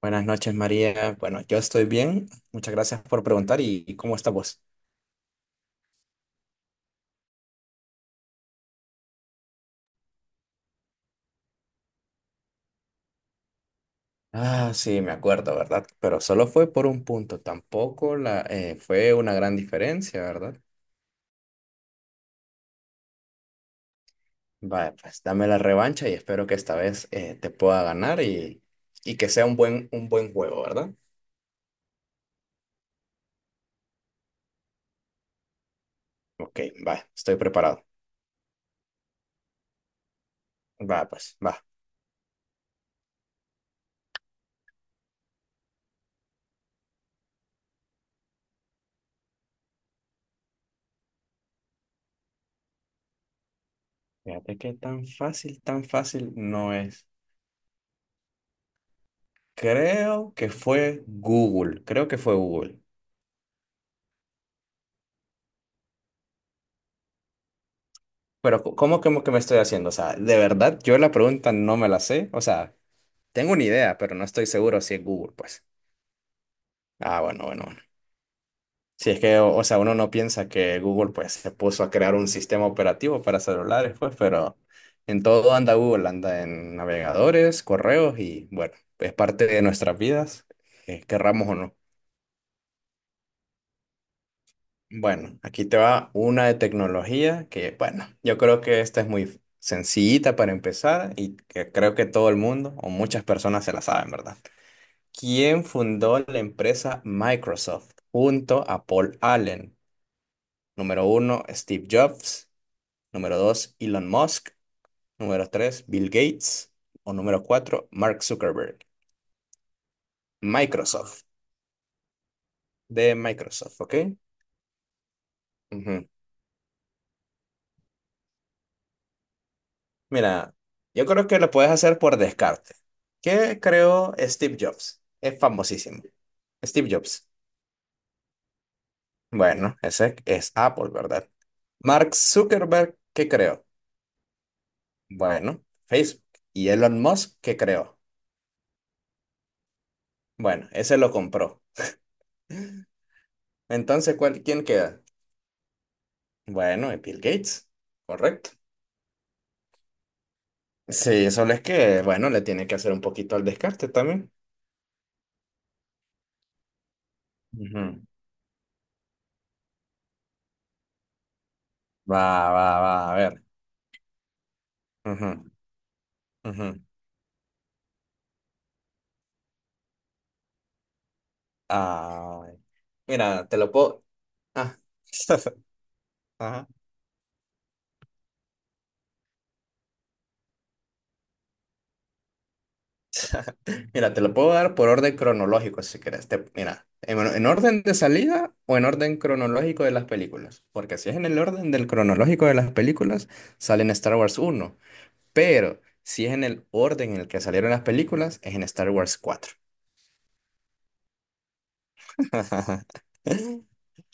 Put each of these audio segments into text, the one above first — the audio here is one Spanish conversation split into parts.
Buenas noches, María. Bueno, yo estoy bien. Muchas gracias por preguntar. ¿Y cómo está vos? Ah, sí, me acuerdo, ¿verdad? Pero solo fue por un punto. Tampoco fue una gran diferencia, ¿verdad? Vale, pues dame la revancha y espero que esta vez te pueda ganar y que sea un buen juego, ¿verdad? Ok, va, estoy preparado. Va, pues, va. Fíjate que tan fácil no es. Creo que fue Google. Creo que fue Google. Pero, ¿cómo que me estoy haciendo? O sea, de verdad, yo la pregunta no me la sé. O sea, tengo una idea, pero no estoy seguro si es Google, pues. Ah, bueno, bueno, bueno. Si es que, o sea, uno no piensa que Google, pues, se puso a crear un sistema operativo para celulares, pues, pero en todo anda Google, anda en navegadores, correos y, bueno, es parte de nuestras vidas, querramos o no. Bueno, aquí te va una de tecnología que, bueno, yo creo que esta es muy sencillita para empezar y que creo que todo el mundo o muchas personas se la saben, ¿verdad? ¿Quién fundó la empresa Microsoft junto a Paul Allen? Número uno, Steve Jobs. Número dos, Elon Musk. Número tres, Bill Gates. O número cuatro, Mark Zuckerberg. Microsoft, de Microsoft, ¿ok? Ujú. Mira, yo creo que lo puedes hacer por descarte. ¿Qué creó Steve Jobs? Es famosísimo. Steve Jobs. Bueno, ese es Apple, ¿verdad? Mark Zuckerberg, ¿qué creó? Bueno, Facebook. ¿Y Elon Musk, qué creó? Bueno, ese lo compró. Entonces, quién queda? Bueno, Bill Gates. Correcto. Sí, solo es que, bueno, le tiene que hacer un poquito al descarte también. Ujú. Va, va, va, a ver. Ujú, ujú. Ah, mira, te lo puedo. Ah. Ajá. Mira, te lo puedo dar por orden cronológico si quieres. Mira, bueno, en orden de salida o en orden cronológico de las películas. Porque si es en el orden del cronológico de las películas, sale en Star Wars 1. Pero si es en el orden en el que salieron las películas, es en Star Wars 4.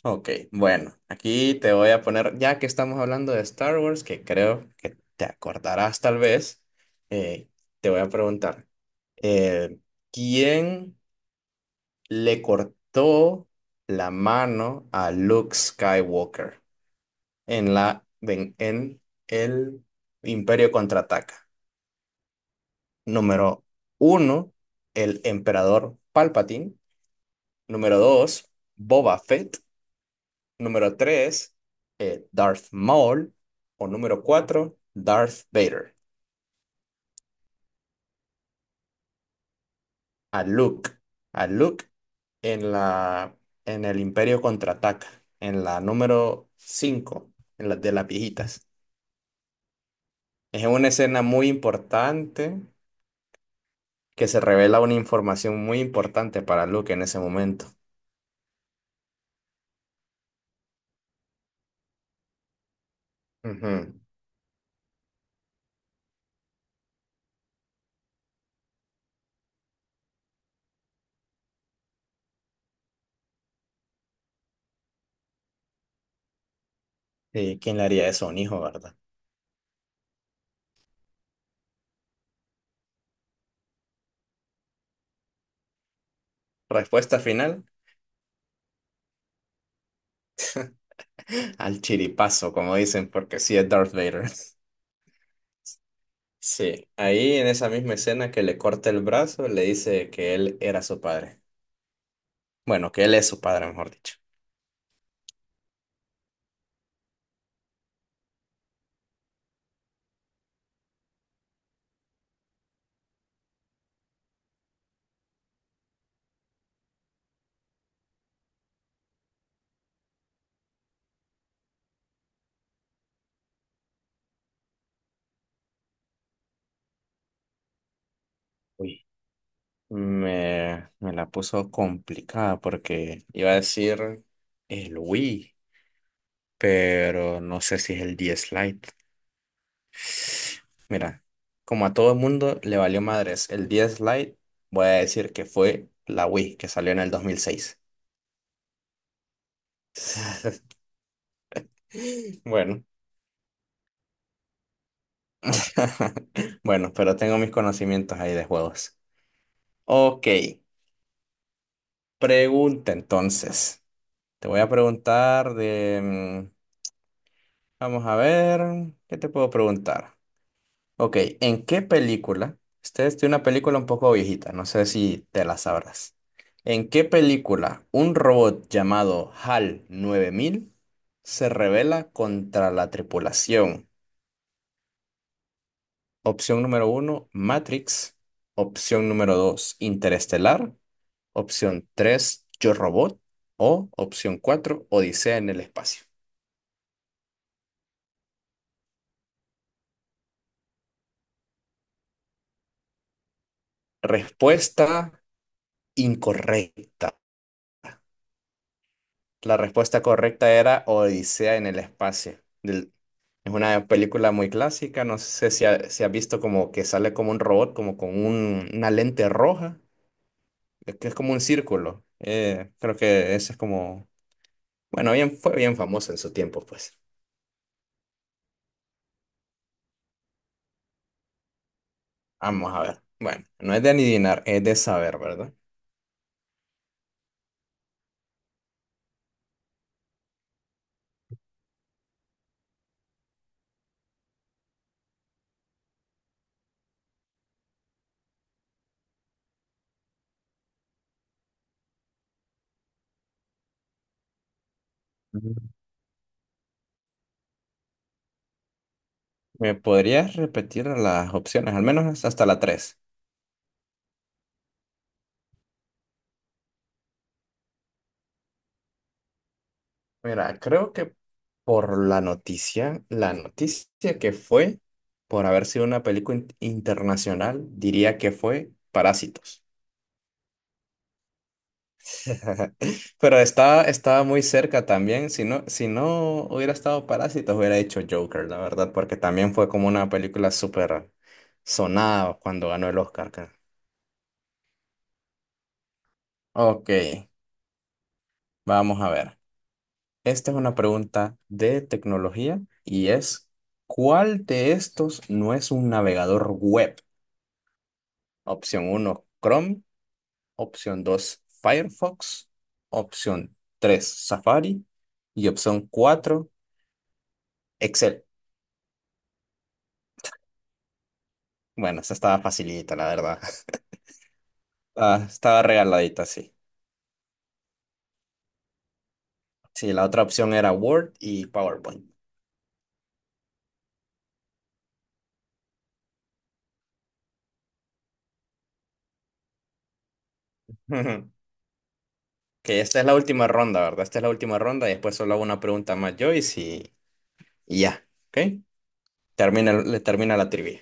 Ok, bueno, aquí te voy a poner, ya que estamos hablando de Star Wars, que creo que te acordarás tal vez, eh, te voy a preguntar, eh, ¿quién le cortó la mano a Luke Skywalker en el Imperio Contraataca? Número uno, el emperador Palpatine. Número dos, Boba Fett. Número 3, Darth Maul. O número 4, Darth Vader. A Luke. A Luke en la, en el Imperio Contraataca. En la número 5, en la de las viejitas. Es una escena muy importante que se revela una información muy importante para Luke en ese momento. Ujú. Sí, ¿quién le haría eso a un hijo, verdad? Respuesta final, al chiripazo, como dicen, porque sí es Darth Vader. Sí, ahí en esa misma escena que le corta el brazo, le dice que él era su padre. Bueno, que él es su padre, mejor dicho. Uy. Me la puso complicada porque iba a decir el Wii, pero no sé si es el 10 Lite. Mira, como a todo el mundo le valió madres el 10 Lite, voy a decir que fue la Wii que salió en el 2006. Bueno, bueno, pero tengo mis conocimientos ahí de juegos. Ok, pregunta entonces. Te voy a preguntar de. mm, Vamos a ver, ¿qué te puedo preguntar? Ok, ¿en qué película? Esta es de una película un poco viejita, no sé si te la sabrás. ¿En qué película un robot llamado HAL 9000 se rebela contra la tripulación? Opción número uno, Matrix. Opción número dos, Interestelar. Opción tres, Yo Robot. O opción cuatro, Odisea en el espacio. Respuesta incorrecta. La respuesta correcta era Odisea en el espacio. Del- es una película muy clásica. No sé si, si has visto como que sale como un robot, como con una lente roja, que es como un círculo. Creo que esa es como. Bueno, bien, fue bien famosa en su tiempo, pues. Vamos a ver. Bueno, no es de adivinar, es de saber, ¿verdad? ¿Me podrías repetir las opciones, al menos hasta la tres? Mira, creo que por la noticia que fue, por haber sido una película internacional, diría que fue Parásitos. Pero estaba muy cerca también. Si no, si no, hubiera estado Parásitos, hubiera hecho Joker, la verdad, porque también fue como una película súper sonada cuando ganó el Oscar, creo. Ok, vamos a ver. Esta es una pregunta de tecnología y es, ¿cuál de estos no es un navegador web? Opción uno, Chrome. Opción 2, Firefox. Opción 3, Safari. Y opción 4, Excel. Bueno, esa estaba facilita, la verdad. Ah, estaba regaladita, sí. Sí, la otra opción era Word y PowerPoint. Que esta es la última ronda, ¿verdad? Esta es la última ronda y después solo hago una pregunta más yo y si... y ya, ¿ok? Termina, le termina la trivia.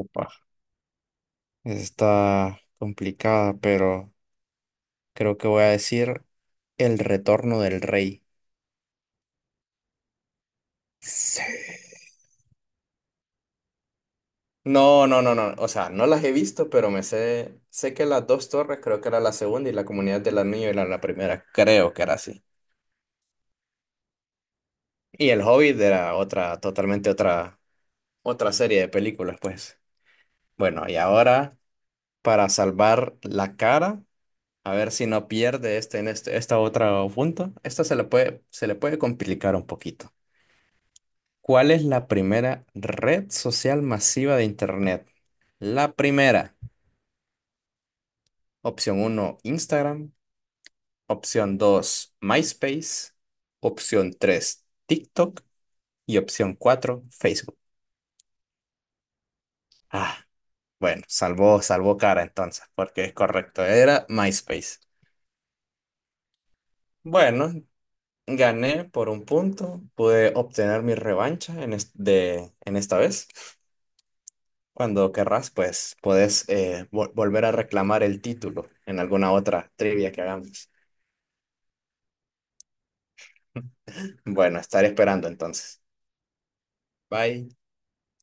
Opa, está complicada, pero creo que voy a decir El retorno del rey. Sí. No, no, no, no. O sea, no las he visto, pero me sé. Sé que las dos torres creo que era la segunda y la comunidad del anillo era la primera. Creo que era así. Y El Hobbit era otra, totalmente otra, otra serie de películas, pues. Bueno, y ahora, para salvar la cara, a ver si no pierde este esta otra punto. Esta se le puede complicar un poquito. ¿Cuál es la primera red social masiva de Internet? La primera, opción uno Instagram, opción 2 MySpace, opción 3 TikTok y opción 4 Facebook. Ah, bueno, salvó cara entonces, porque es correcto, era MySpace. Bueno, gané por un punto, pude obtener mi revancha en esta vez. Cuando querrás, pues puedes volver a reclamar el título en alguna otra trivia que hagamos. Bueno, estaré esperando entonces. Bye.